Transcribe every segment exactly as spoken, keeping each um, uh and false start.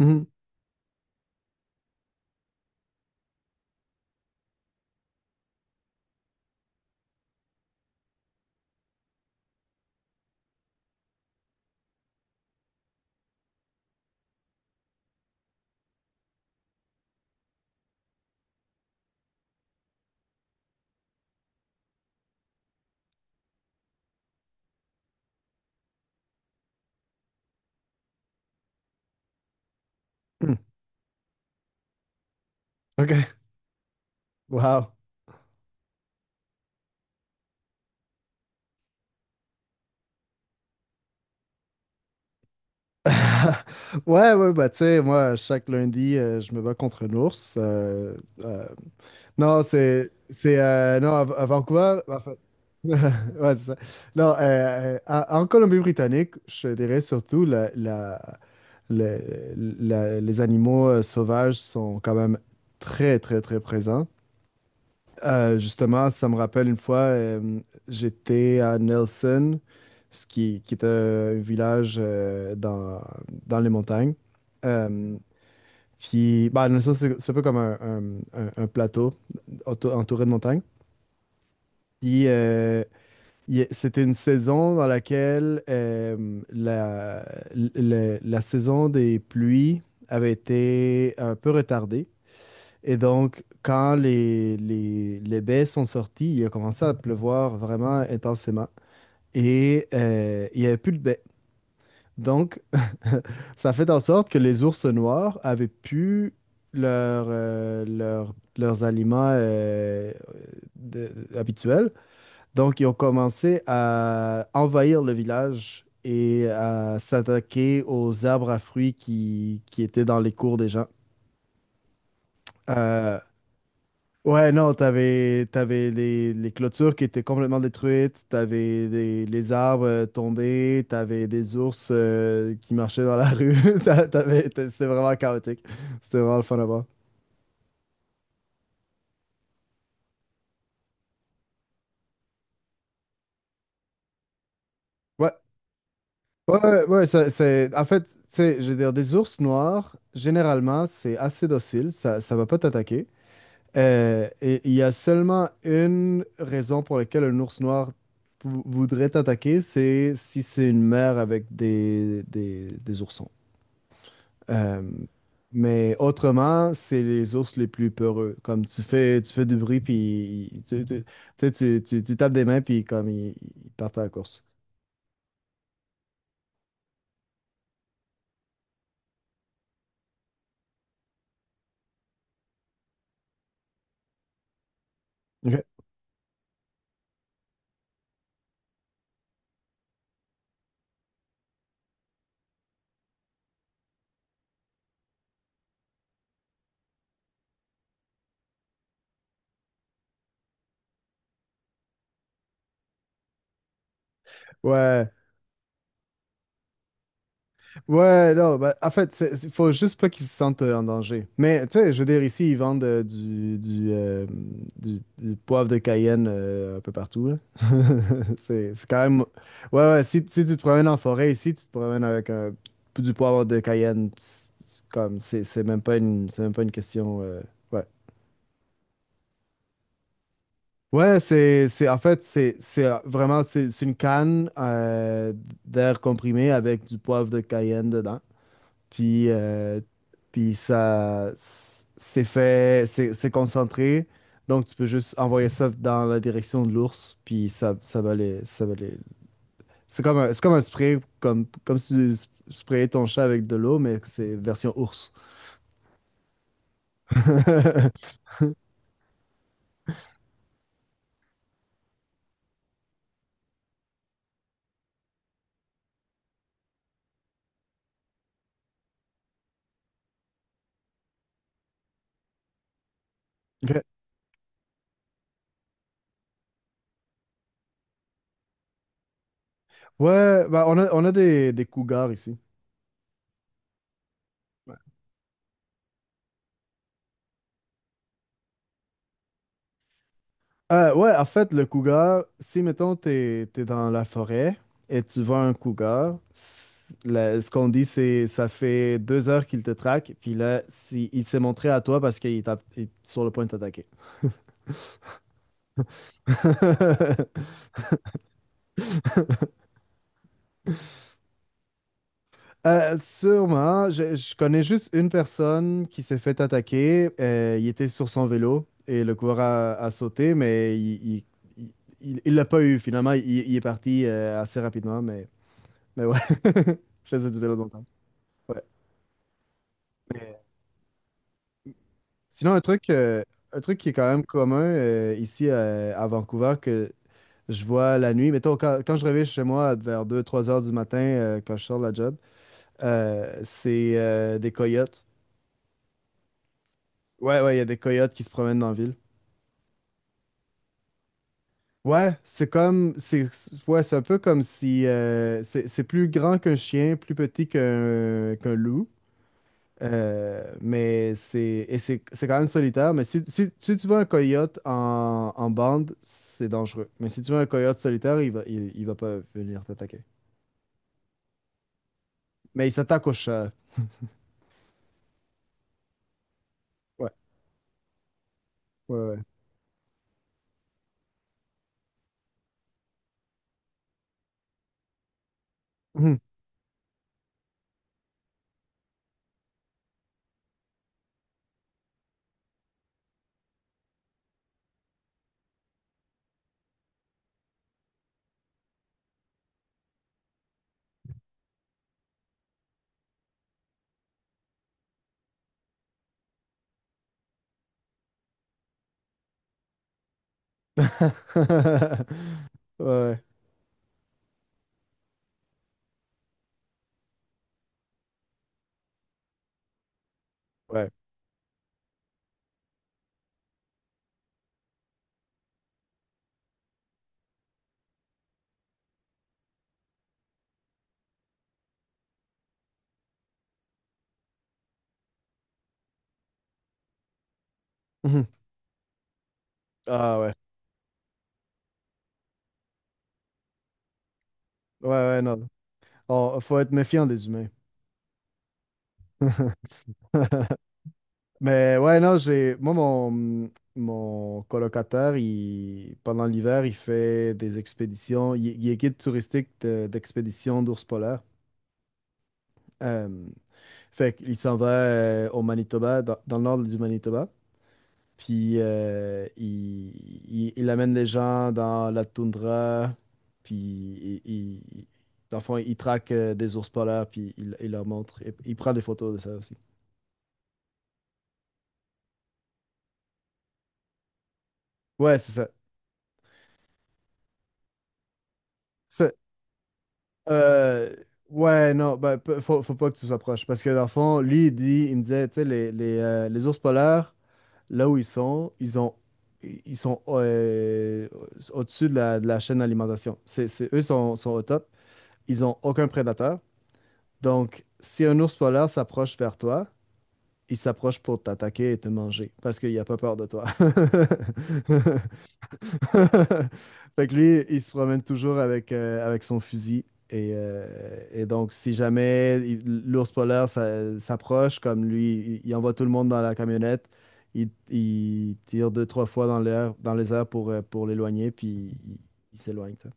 Mhm. Mhm. OK. Wow. Ouais, ouais, bah, tu sais, moi, chaque lundi, euh, je me bats contre un ours. Euh, euh, non, c'est. C'est. euh, non, à, à Vancouver, en fait- Ouais, c'est ça. Non, euh, euh, à- en Colombie-Britannique, je dirais surtout la, la- le- la- les animaux euh, sauvages sont quand même très, très, très présents. Euh, justement, ça me rappelle une fois, euh, j'étais à Nelson, ce qui, qui est euh, un village euh, dans, dans les montagnes. Euh, Puis, bah, Nelson, c'est c'est un peu comme un, un- un- un plateau auto- entouré de montagnes. Puis, euh, il y a- c'était une saison dans laquelle euh, la, le- la saison des pluies avait été un peu retardée. Et donc, quand les, les, les baies sont sorties, il a commencé à pleuvoir vraiment intensément. Et euh, il n'y avait plus de baies. Donc, ça fait en sorte que les ours noirs avaient pu leur, euh, leur- leurs aliments euh, de- habituels. Donc, ils ont commencé à envahir le village et à s'attaquer aux arbres à fruits qui, qui étaient dans les cours des gens. Euh, Ouais, non, t'avais, t'avais les, les clôtures qui étaient complètement détruites, t'avais des, les arbres euh, tombés, t'avais des ours euh, qui marchaient dans la rue, t'a- t'avais, t'a- c'était vraiment chaotique. C'était vraiment le fun à voir. Ouais, ouais, ouais, ouais, ça- c'est, en fait, tu sais, je veux dire, des ours noirs, généralement, c'est assez docile, ça, ça va pas t'attaquer. Euh, et il y a seulement une raison pour laquelle un ours noir vou- voudrait t'attaquer, c'est si c'est une mère avec des, des des oursons. Euh, mais autrement, c'est les ours les plus peureux. Comme tu fais, tu fais, du bruit, puis tu, tu- tu sais, tu- tu- tu tapes des mains, puis comme ils, ils partent à la course. Ouais, ouais, non, bah, en fait, c'est- c'est- faut juste pas qu'ils se sentent euh, en danger. Mais, tu sais, je veux dire, ici, ils vendent euh, du, du, euh, du, du poivre de Cayenne euh, un peu partout, là. C'est, c'est quand même... Ouais, ouais, si, si tu te promènes en forêt ici, tu te promènes avec un- du poivre de Cayenne, c'est c'est comme, c'est c'est même pas une, c'est même pas une question... euh, ouais. Ouais, c'est, c'est, en fait, c'est, c'est euh, vraiment, c'est c'est une canne euh, d'air comprimé avec du poivre de Cayenne dedans. Puis, euh, puis ça c'est fait, c'est c'est concentré. Donc, tu peux juste envoyer ça dans la direction de l'ours, puis ça, ça va les... ça va les... C'est comme un, c'est comme un spray, comme, comme si tu sp- sprayais ton chat avec de l'eau, mais c'est version ours. Ok. Ouais, bah on a, on a des, des cougars ici. Euh, ouais, en fait, le cougar, si mettons t'es t'es dans la forêt et tu vois un cougar, s- la- ce qu'on dit c'est ça fait deux heures qu'il te traque, puis là si, il s'est montré à toi parce qu'il t'a- il est sur le point de t'attaquer. Euh, sûrement, je, je connais juste une personne qui s'est fait attaquer. Euh, il était sur son vélo et le cougar a, a sauté, mais il il, il- il- il l'a pas eu finalement. Il, il est parti euh, assez rapidement, mais mais ouais, je faisais du vélo longtemps. Ouais. Sinon, un truc, euh, un truc qui est quand même commun euh, ici euh, à Vancouver que je vois la nuit, mettons, quand, quand je reviens chez moi vers deux trois heures du matin, euh, quand je sors de la job, euh, c'est euh, des coyotes. Ouais, ouais, il y a des coyotes qui se promènent dans la ville. Ouais, c'est comme, c'est, c'est- ouais, c'est un peu comme si euh, c'est c'est plus grand qu'un chien, plus petit qu'un qu'un loup. Euh, mais c'est et c'est c'est quand même solitaire. Mais si, si, si tu veux un coyote en, en bande, c'est dangereux. Mais si tu veux un coyote solitaire, il va, il, il va pas venir t'attaquer. Mais il s'attaque au chat. Ouais, ouais, ouais. Ouais, ouais, ouais. Ah, ouais. Ouais, ouais, non. Oh, faut être méfiant des humains. Mais ouais, non, j'ai. moi, mon, mon colocataire, il, pendant l'hiver, il fait des expéditions. Il, il est guide touristique de- d'expédition d'ours polaires. Euh, Fait qu'il s'en va euh, au Manitoba, dans, dans le nord du Manitoba. Puis euh, il, il, il amène les gens dans la toundra. Puis il, il- dans le fond, il traque euh, des ours polaires, puis il, il leur montre. Et il prend des photos de ça aussi. Ouais, c'est ça. Euh, ouais, non, ben, p- faut, faut pas que tu sois proche. Parce que dans le fond, lui, il dit, il me disait, tu sais, les, les, euh, les ours polaires, là où ils sont, ils ont, ils sont euh, au-dessus de la, de la chaîne d'alimentation. C'est, c'est, eux sont, sont au top. Ils ont aucun prédateur. Donc, si un ours polaire s'approche vers toi, il s'approche pour t'attaquer et te manger parce qu'il a pas peur de toi. Fait que lui, il se promène toujours avec, euh, avec son fusil. Et, euh, et donc, si jamais il- l'ours polaire s'a- s'approche, comme lui, il, il envoie tout le monde dans la camionnette, il, il tire deux, trois fois dans l'air, dans les airs pour, euh, pour l'éloigner, puis il, il s'éloigne, tu sais.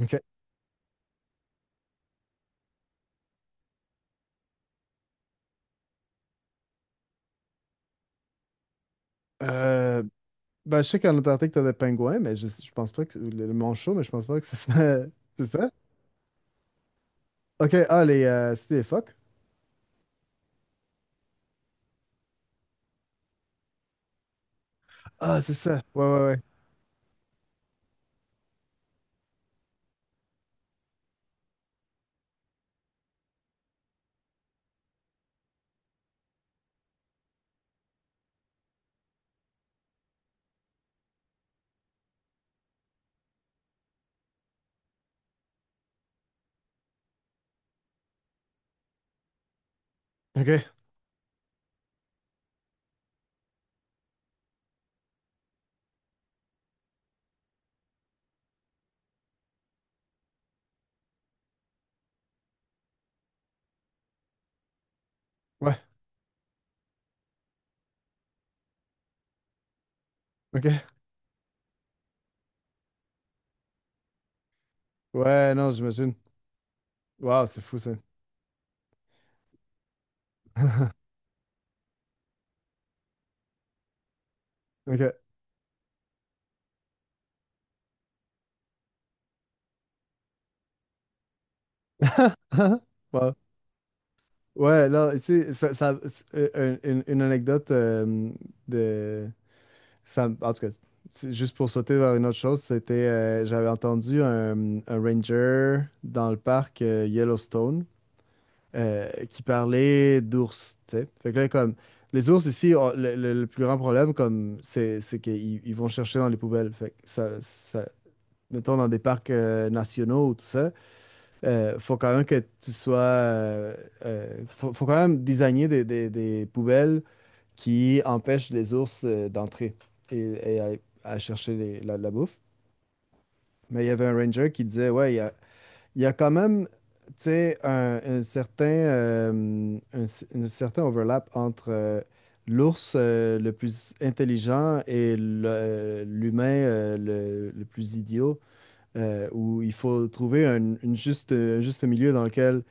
OK. Euh, ben, je sais qu'en Antarctique, t'as des pingouins, mais je, je pense pas que... ou Le, le manchot, mais je pense pas que c'est ça. C'est ça? OK. Ah, les... euh, c'est des phoques? Ah, c'est ça. Ouais, ouais, ouais. OK. Ouais. OK. Ouais, non, j'imagine. Waouh, c'est fou ça. Ok. Wow. Ouais, là c'est ça, ça- c'est, euh, une, une anecdote euh, de ça, en tout cas, c'est juste pour sauter vers une autre chose, c'était euh, j'avais entendu un, un ranger dans le parc euh, Yellowstone euh, qui parlait d'ours, tu sais. Fait que là, comme les ours ici, on- le, le- le plus grand problème, comme c'est c'est qu'ils ils vont chercher dans les poubelles. Fait que ça, ça- mettons, dans des parcs euh, nationaux ou tout ça, euh, faut quand même que tu sois... euh, euh, faut, faut quand même designer des, des- des poubelles qui empêchent les ours euh, d'entrer et, et à, à chercher les- la, la bouffe. Mais il y avait un ranger qui disait, ouais, il y a, il y a quand même, tu sais, un, un certain, euh, un, c- un certain overlap entre... euh, l'ours euh, le plus intelligent et le- euh, l'humain euh, le le plus idiot, euh, où il faut trouver un, une juste, euh, un juste milieu dans lequel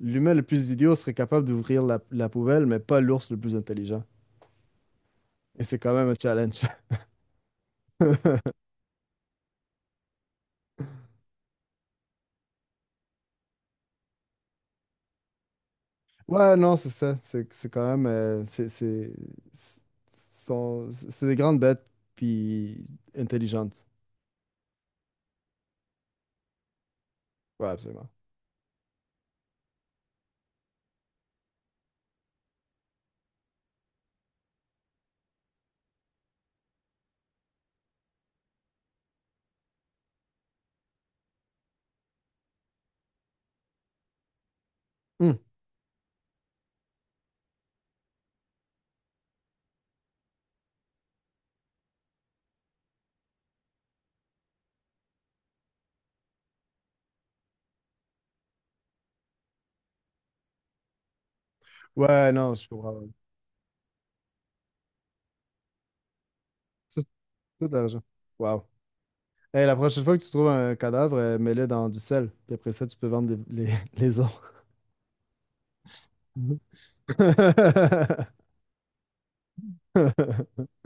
l'humain le plus idiot serait capable d'ouvrir la, la poubelle, mais pas l'ours le plus intelligent. Et c'est quand même un challenge. Ouais, non, c'est ça. C'est c'est quand même. euh, c'est c'est- c'est- sont- c'est des grandes bêtes, puis intelligentes. Ouais, absolument. Hmm. Ouais, non, je comprends. Tout, toute la raison. Wow. Hey, la prochaine fois que tu trouves un cadavre, euh, mets-le dans du sel. Puis après ça, tu peux vendre les, les, les os.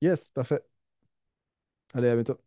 Yes, parfait. Allez, à bientôt.